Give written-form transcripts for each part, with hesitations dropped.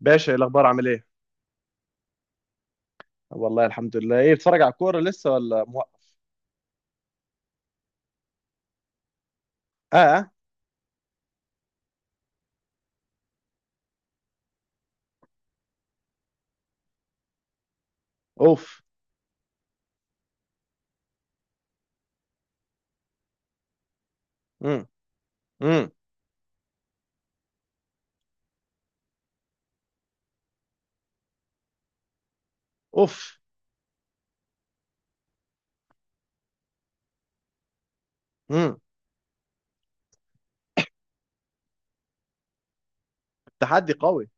باشا، ايه الاخبار؟ عامل ايه؟ والله الحمد لله. ايه، بتتفرج على الكوره لسه ولا موقف؟ اه، آه. اوف. امم. امم. اوف. امم. تحدي قوي.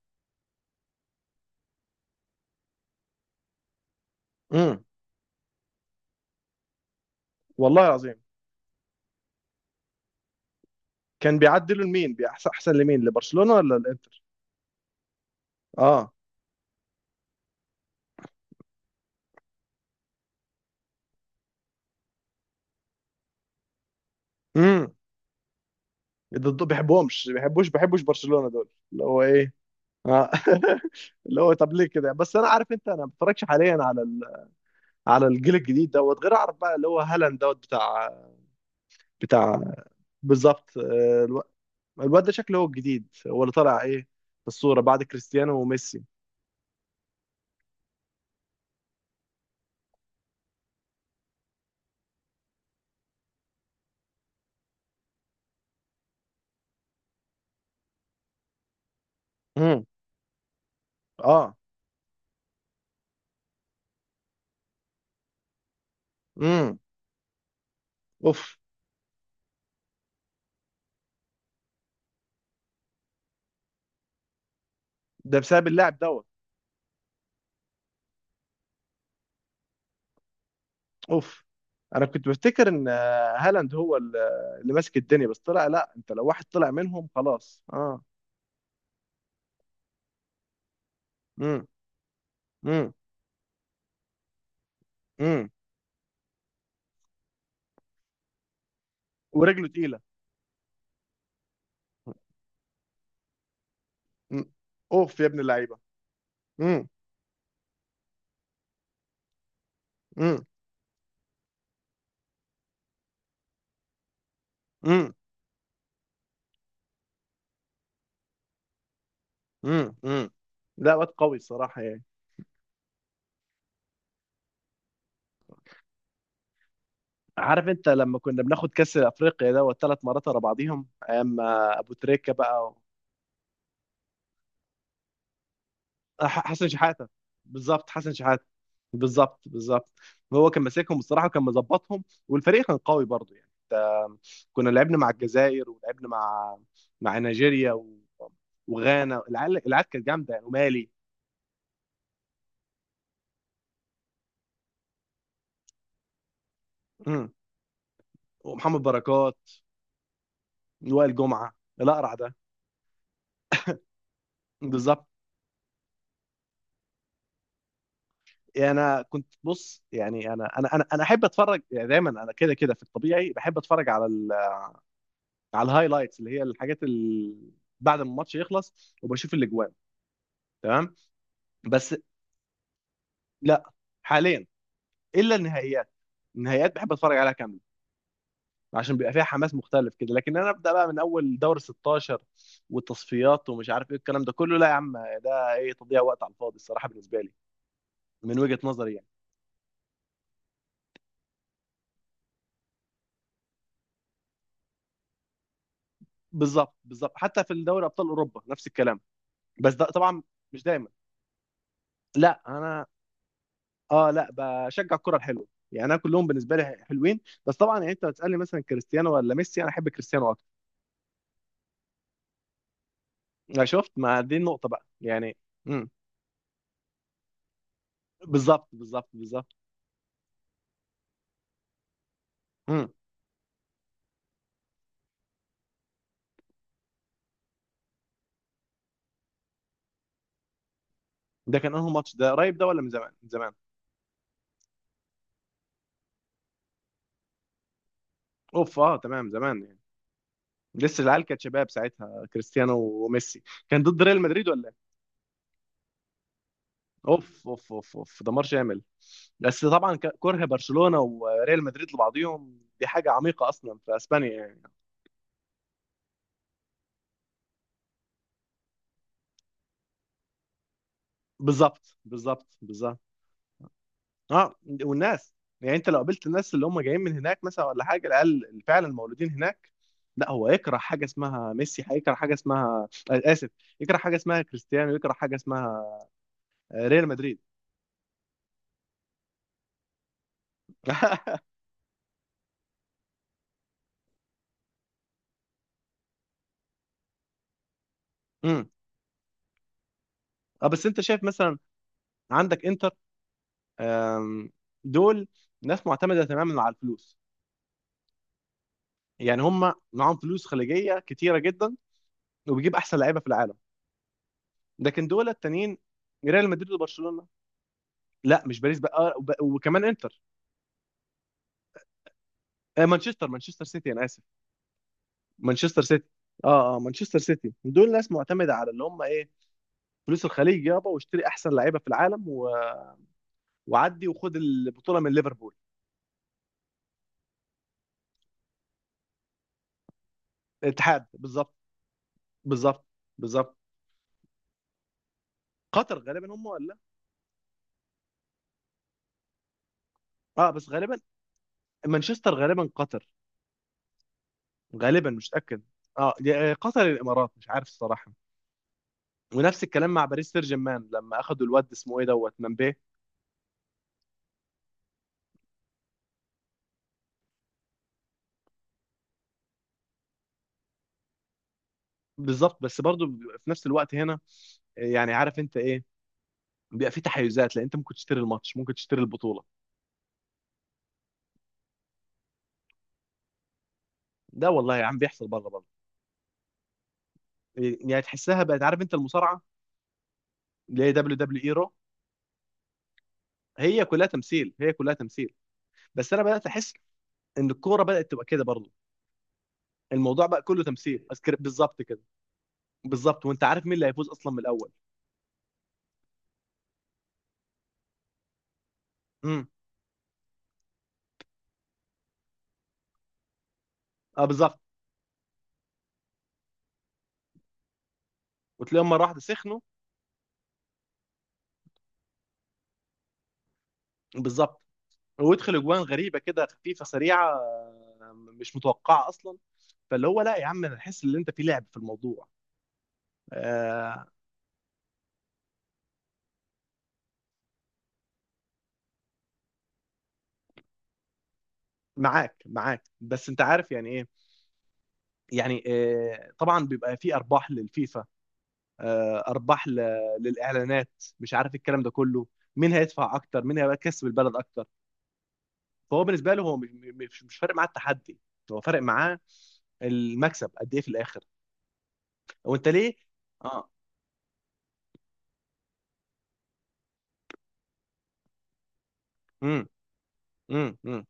امم. والله العظيم. كان بيعدلوا لمين؟ احسن لمين، لبرشلونه ولا الانتر؟ اه. امم. ضد، بيحبوهمش بيحبوش بيحبوش برشلونه دول، اللي هو ايه؟ اه. اللي هو طب ليه كده؟ بس انا عارف انت، انا ما بتفرجش حاليا على الجيل الجديد دوت. غير اعرف بقى اللي هو هالاند دوت، بتاع. بتاع، بالظبط. الواد ده شكله هو الجديد، هو اللي طالع ايه في الصورة بعد كريستيانو وميسي. امم. اه. امم. اوف. ده بسبب اللاعب دوت. اوف. انا كنت بفتكر ان هالاند هو اللي ماسك الدنيا، بس طلع لا. انت لو واحد طلع منهم خلاص. اه. امم. امم. امم. ورجله تقيلة. مم. اوف يا ابن اللعيبة. امم. امم. امم. امم. امم. لا واد قوي الصراحة يعني. عارف انت لما كنا بناخد كاس افريقيا دوت ثلاث مرات ورا بعضيهم، ايام ابو تريكة بقى. حسن شحاته. بالظبط، حسن شحاته. بالظبط، بالظبط. هو كان ماسكهم بصراحه، وكان مظبطهم، والفريق كان قوي برضو يعني. انت، كنا لعبنا مع الجزائر، ولعبنا مع مع نيجيريا و... وغانا. العيال كانت جامده يعني، ومالي. مم. ومحمد بركات. وائل جمعه. الاقرع ده. بالظبط. يعني انا كنت بص، يعني انا احب اتفرج يعني. دايما انا كده كده في الطبيعي بحب اتفرج على ال... على الهايلايتس، اللي هي الحاجات ال... بعد ما الماتش يخلص وبشوف الاجوان. تمام. بس لا، حاليا الا النهائيات. النهائيات بحب اتفرج عليها كامله، عشان بيبقى فيها حماس مختلف كده. لكن انا ابدا بقى من اول دور 16 والتصفيات ومش عارف ايه الكلام ده كله، لا يا عم. ده ايه، تضييع وقت على الفاضي الصراحه بالنسبه لي، من وجهه نظري يعني. بالظبط، بالظبط. حتى في الدوري ابطال اوروبا نفس الكلام. بس ده طبعا. مش دايما. لا انا، اه، لا بشجع الكره الحلوه يعني، انا كلهم بالنسبه لي حلوين. بس طبعا يعني، انت بتسالني مثلا كريستيانو ولا ميسي، انا احب كريستيانو اكتر. أنا شفت، ما دي النقطه بقى يعني. بالظبط، بالظبط، بالظبط. امم. ده كان انه ماتش ده قريب، ده ولا من زمان؟ من زمان. اوف. اه، تمام، زمان يعني. لسه العيال كانت شباب ساعتها، كريستيانو وميسي. كان ضد ريال مدريد ولا إيه؟ اوف، اوف، اوف، اوف، دمار شامل. بس طبعا كره برشلونة وريال مدريد لبعضهم دي حاجة عميقة اصلا في اسبانيا يعني. بالظبط، بالظبط، بالظبط. اه. والناس، يعني انت لو قابلت الناس اللي هم جايين من هناك مثلا ولا حاجه، العيال اللي فعلا مولودين هناك، لا. هو يكره حاجه اسمها ميسي، هيكره حاجه اسمها، اسف، يكره حاجه اسمها كريستيانو، يكره حاجه اسمها، ريال مدريد. امم. اه، بس انت شايف مثلا عندك انتر، آم، دول ناس معتمده تماما على الفلوس. يعني هم معاهم فلوس خليجيه كتيره جدا، وبيجيب احسن لعيبه في العالم. لكن دول التانيين، ريال مدريد وبرشلونه. لا مش باريس بقى، وكمان انتر. مانشستر، مانشستر سيتي، انا اسف. مانشستر سيتي. اه، اه، مانشستر سيتي دول ناس معتمده على اللي هم ايه، فلوس الخليج، يابا واشتري احسن لعيبه في العالم و... وعدي وخد البطوله من ليفربول. الاتحاد، بالظبط. بالظبط، بالظبط. قطر غالبا هم، ولا؟ اه، بس غالبا مانشستر غالبا قطر. غالبا، مش متاكد. اه، يا، قطر يا الامارات، مش عارف الصراحه. ونفس الكلام مع باريس سان جيرمان لما اخدوا الواد اسمه ايه دوت، ممبي. بالظبط. بس برضو في نفس الوقت هنا، يعني عارف انت ايه، بيبقى في تحيزات، لان انت ممكن تشتري الماتش، ممكن تشتري البطوله. ده والله يا عم بيحصل بره برضه. يعني تحسها بقت، عارف انت المصارعه اللي هي دبليو دبليو اي رو، هي كلها تمثيل، هي كلها تمثيل. بس انا بدات احس ان الكوره بدات تبقى كده برضه. الموضوع بقى كله تمثيل، أذكر بالظبط كده. بالظبط، وانت عارف مين اللي هيفوز اصلا من الاول. امم. اه، بالظبط. وتلاقيهم مره واحده سخنوا. بالظبط. ويدخل اجوان غريبه كده، خفيفه سريعه، مش متوقعه اصلا. فاللي هو لا يا عم، انا احس ان انت في لعب في الموضوع. آه. معاك، معاك. بس انت عارف يعني ايه، يعني طبعا بيبقى في ارباح للفيفا، ارباح للاعلانات، مش عارف الكلام ده كله، مين هيدفع اكتر، مين هيبقى كسب البلد اكتر. فهو بالنسبه له هو مش فارق معاه التحدي. هو فارق معاه المكسب قد ايه في الاخر. وانت ليه. اه. امم. امم. امم.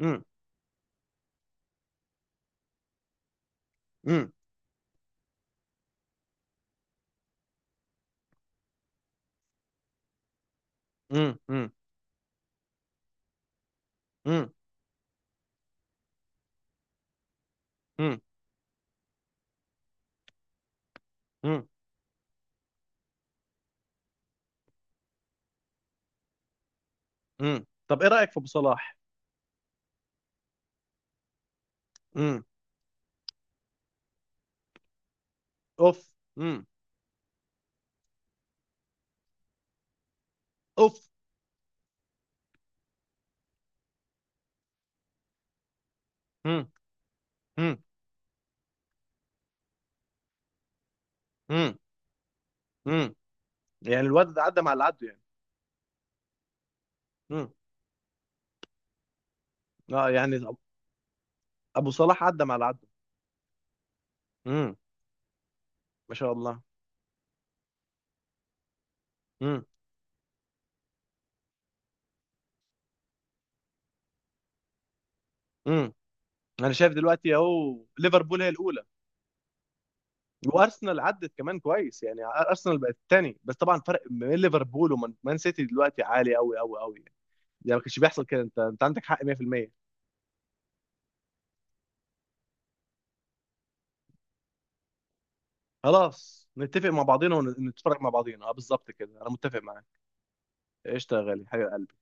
امم. امم. امم. امم. امم. امم. امم. امم. طب ايه رايك في ابو صلاح؟ امم. اوف. امم. اوف. امم. امم. امم. امم. يعني الواد ده عدى مع اللي عدوا يعني. امم. اه يعني. ابو صلاح عدى مع العدو. امم. ما شاء الله. امم. امم. انا شايف دلوقتي اهو ليفربول هي الاولى. وارسنال عدت كمان كويس، يعني ارسنال بقت الثاني. بس طبعا فرق ما بين ليفربول ومان، مان سيتي دلوقتي عالي قوي قوي قوي يعني. ده ما كانش بيحصل كده، انت انت عندك حق 100%. خلاص نتفق مع بعضينا ونتفرج مع بعضينا، اه بالظبط كده، انا متفق معاك. قشطه يا غالي، حبيب قلبي.